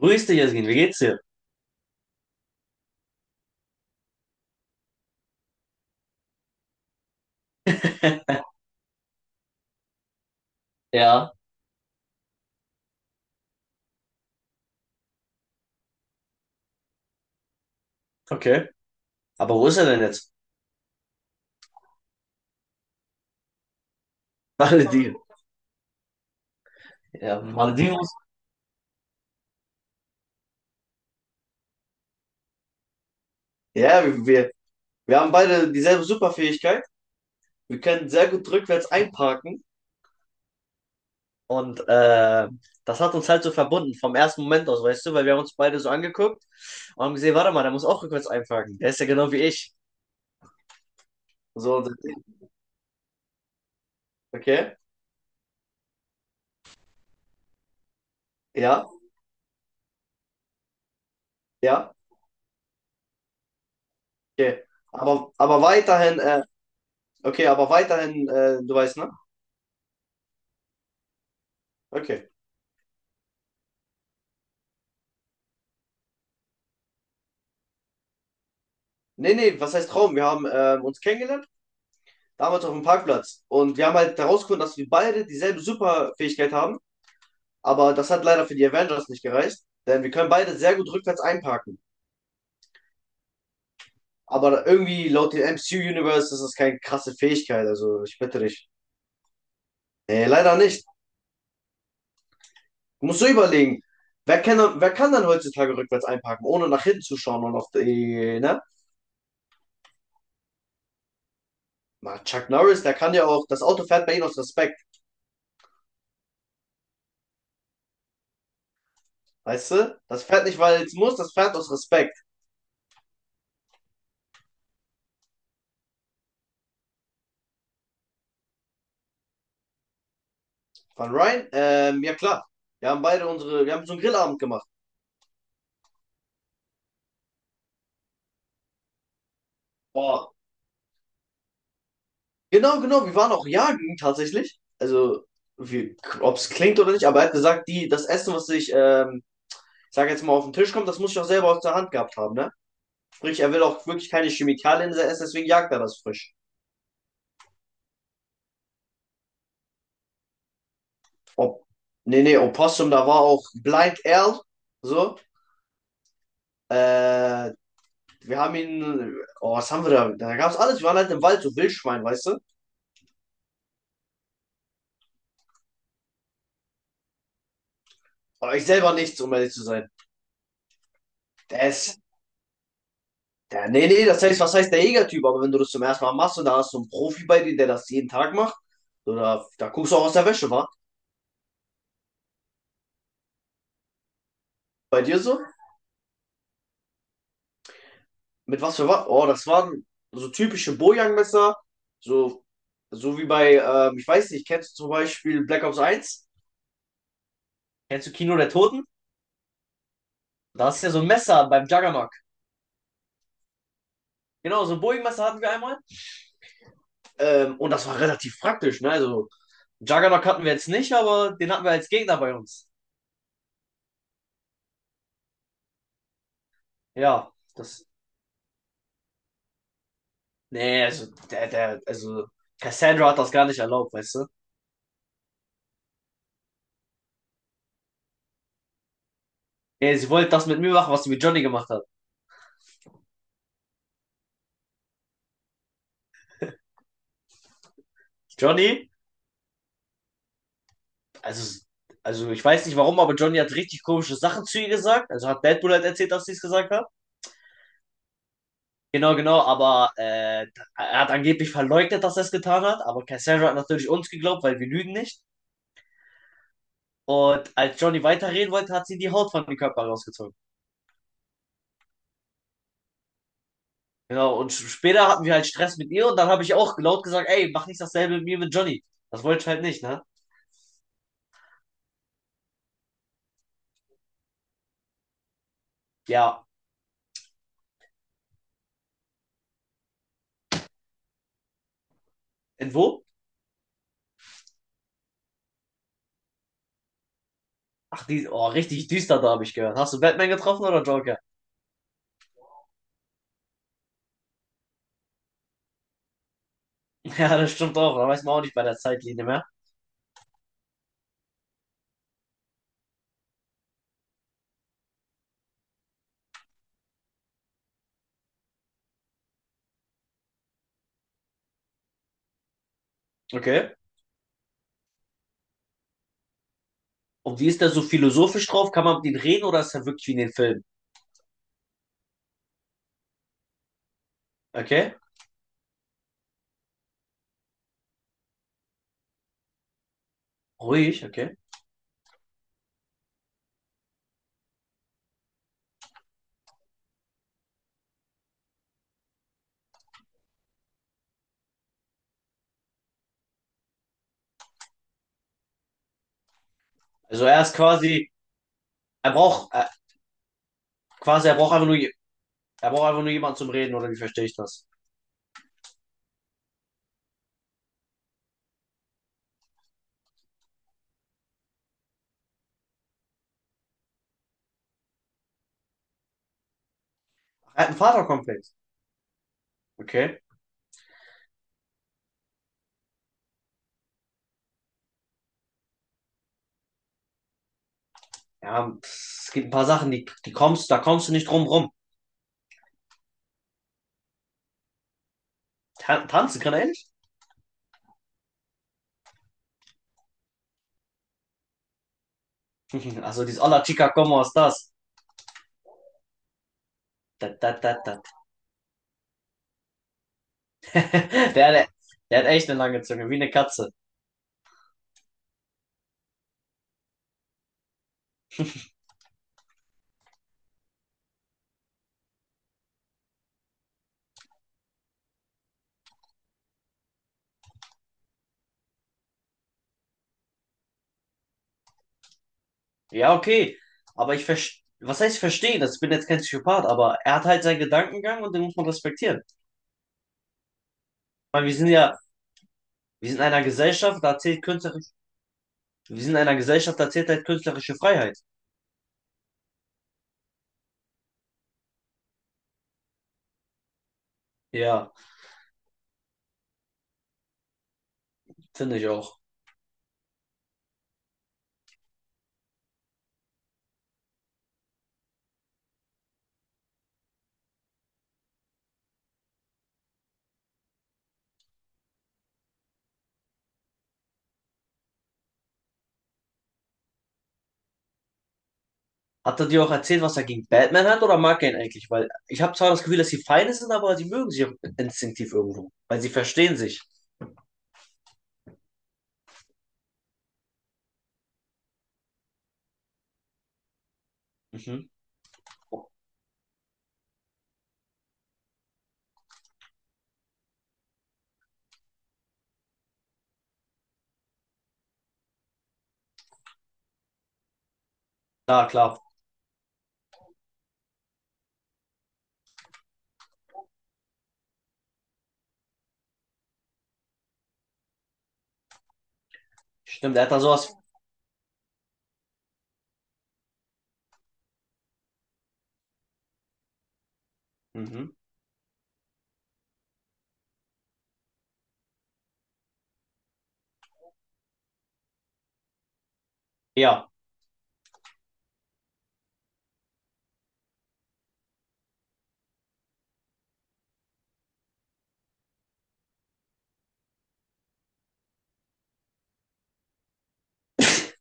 Grüß dich, Jasmin, wie geht's dir? Ja, okay. Aber wo ist er denn jetzt? Malediven. Ja, Malediven. Ja, wir haben beide dieselbe Superfähigkeit. Wir können sehr gut rückwärts einparken. Und das hat uns halt so verbunden vom ersten Moment aus, weißt du, weil wir haben uns beide so angeguckt und haben gesehen, warte mal, der muss auch rückwärts einparken. Der ist ja genau wie ich. So, okay, ja, ja, okay. Aber weiterhin, okay, aber weiterhin, du weißt, ne? Okay. Nee, nee, was heißt Traum? Wir haben uns kennengelernt, damals auf dem Parkplatz. Und wir haben halt herausgefunden, dass wir beide dieselbe Superfähigkeit haben. Aber das hat leider für die Avengers nicht gereicht. Denn wir können beide sehr gut rückwärts einparken. Aber irgendwie laut dem MCU-Universe ist das keine krasse Fähigkeit. Also ich bitte dich. Nee, leider nicht. Du musst so überlegen. Wer kann dann heutzutage rückwärts einparken, ohne nach hinten zu schauen und auf die, ne? Mal Chuck Norris, der kann ja auch, das Auto fährt bei ihm aus Respekt. Weißt du? Das fährt nicht, weil es muss, das fährt aus Respekt. Von Ryan? Ja klar. Wir haben so einen Grillabend gemacht. Boah. Genau, genau. Wir waren auch jagen tatsächlich. Also, ob es klingt oder nicht, aber er hat gesagt, die, das Essen, was ich, ich sag jetzt mal, auf den Tisch kommt, das muss ich auch selber aus der Hand gehabt haben, ne? Sprich, er will auch wirklich keine Chemikalien in sein Essen, deswegen jagt er das frisch. Ob, nee, nee, Opossum, da war auch Blind Al, so. Äh, wir haben ihn, oh, was haben wir da? Da gab's alles. Wir waren halt im Wald, so Wildschwein, weißt du? Aber ich selber nichts, um ehrlich zu sein. Der ist, Ja, nee, nee, das heißt, was heißt der Jägertyp? Aber wenn du das zum ersten Mal machst und da hast du einen Profi bei dir, der das jeden Tag macht, so, da guckst du auch aus der Wäsche, wa? Bei dir so? Mit was für was? Oh, das waren so typische Bojang-Messer, so, so wie bei, ich weiß nicht, kennst du zum Beispiel Black Ops 1? Kennst du Kino der Toten? Da ist ja so ein Messer beim Juggernaut. Genau, so ein Bojang-Messer hatten wir einmal. Und das war relativ praktisch, ne? Also, Juggernaut hatten wir jetzt nicht, aber den hatten wir als Gegner bei uns. Ja, das. Nee, also, also, Cassandra hat das gar nicht erlaubt, weißt du? Nee, sie wollte das mit mir machen, was sie mit Johnny gemacht hat. Johnny, also, also, ich weiß nicht warum, aber Johnny hat richtig komische Sachen zu ihr gesagt. Also hat Deadpool halt erzählt, dass sie es gesagt hat. Genau, genau, aber er hat angeblich verleugnet, dass er es getan hat. Aber Cassandra hat natürlich uns geglaubt, weil wir lügen nicht. Und als Johnny weiterreden wollte, hat sie die Haut von dem Körper rausgezogen. Genau, und später hatten wir halt Stress mit ihr und dann habe ich auch laut gesagt, ey, mach nicht dasselbe mit mir mit Johnny. Das wollte ich halt nicht, ne? Ja, in wo? Ach, die, oh, richtig düster da habe ich gehört. Hast du Batman getroffen oder Joker? Ja, das stimmt auch. Da weiß man auch nicht bei der Zeitlinie mehr. Okay. Und wie ist der so philosophisch drauf? Kann man mit ihm reden oder ist er wirklich wie in den Filmen? Okay. Ruhig, okay. Also er ist quasi, er braucht, quasi, er braucht einfach nur jemanden zum Reden oder wie verstehe ich das? Er hat einen Vaterkomplex. Okay. Ja, pff, es gibt ein paar Sachen, die kommst, da kommst du nicht drum rum. Tanzen kann er nicht? Also dieses Hola Chica, ¿cómo estás? Da, da, da, da, Der, hat- der hat echt eine lange Zunge, wie eine Katze. Ja, okay. Aber ich verstehe, was heißt verstehen? Das- Ich bin jetzt kein Psychopath, aber er hat halt seinen Gedankengang und den muss man respektieren. Ich meine, wir sind ja, wir sind in einer Gesellschaft, da zählt künstlerisch, wir sind in einer Gesellschaft, da zählt halt künstlerische Freiheit. Ja, finde ich auch. Hat er dir auch erzählt, was er gegen Batman hat oder mag er ihn eigentlich? Weil ich habe zwar das Gefühl, dass sie Feinde sind, aber sie mögen sich instinktiv irgendwo, weil sie verstehen sich. Mhm. Ja, klar. Stimmt, er hat da sowas. Mhm. Ja,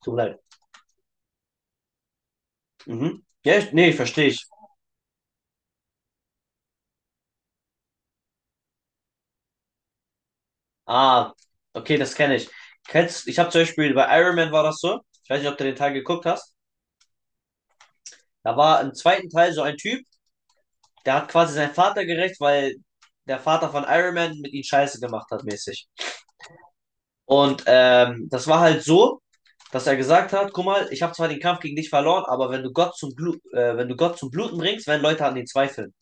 tut mir leid. Mhm. Ja, ich, nee, verstehe ich. Ah, okay, das kenne ich. Kennst, ich habe zum Beispiel bei Iron Man war das so. Ich weiß nicht, ob du den Teil geguckt hast. Da war im zweiten Teil so ein Typ, der hat quasi seinen Vater gerecht, weil der Vater von Iron Man mit ihm Scheiße gemacht hat, mäßig. Und das war halt so, dass er gesagt hat, guck mal, ich habe zwar den Kampf gegen dich verloren, aber wenn du Gott zum Blu wenn du Gott zum Bluten bringst, werden Leute an ihn zweifeln.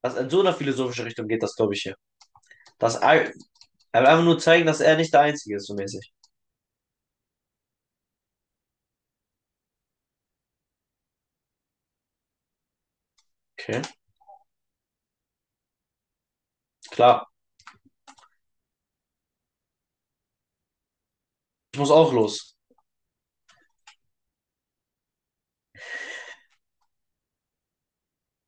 Das in so einer philosophischen Richtung geht das, glaube ich, hier. Dass er will einfach nur zeigen, dass er nicht der Einzige ist, so mäßig. Okay, klar. Ich muss auch los.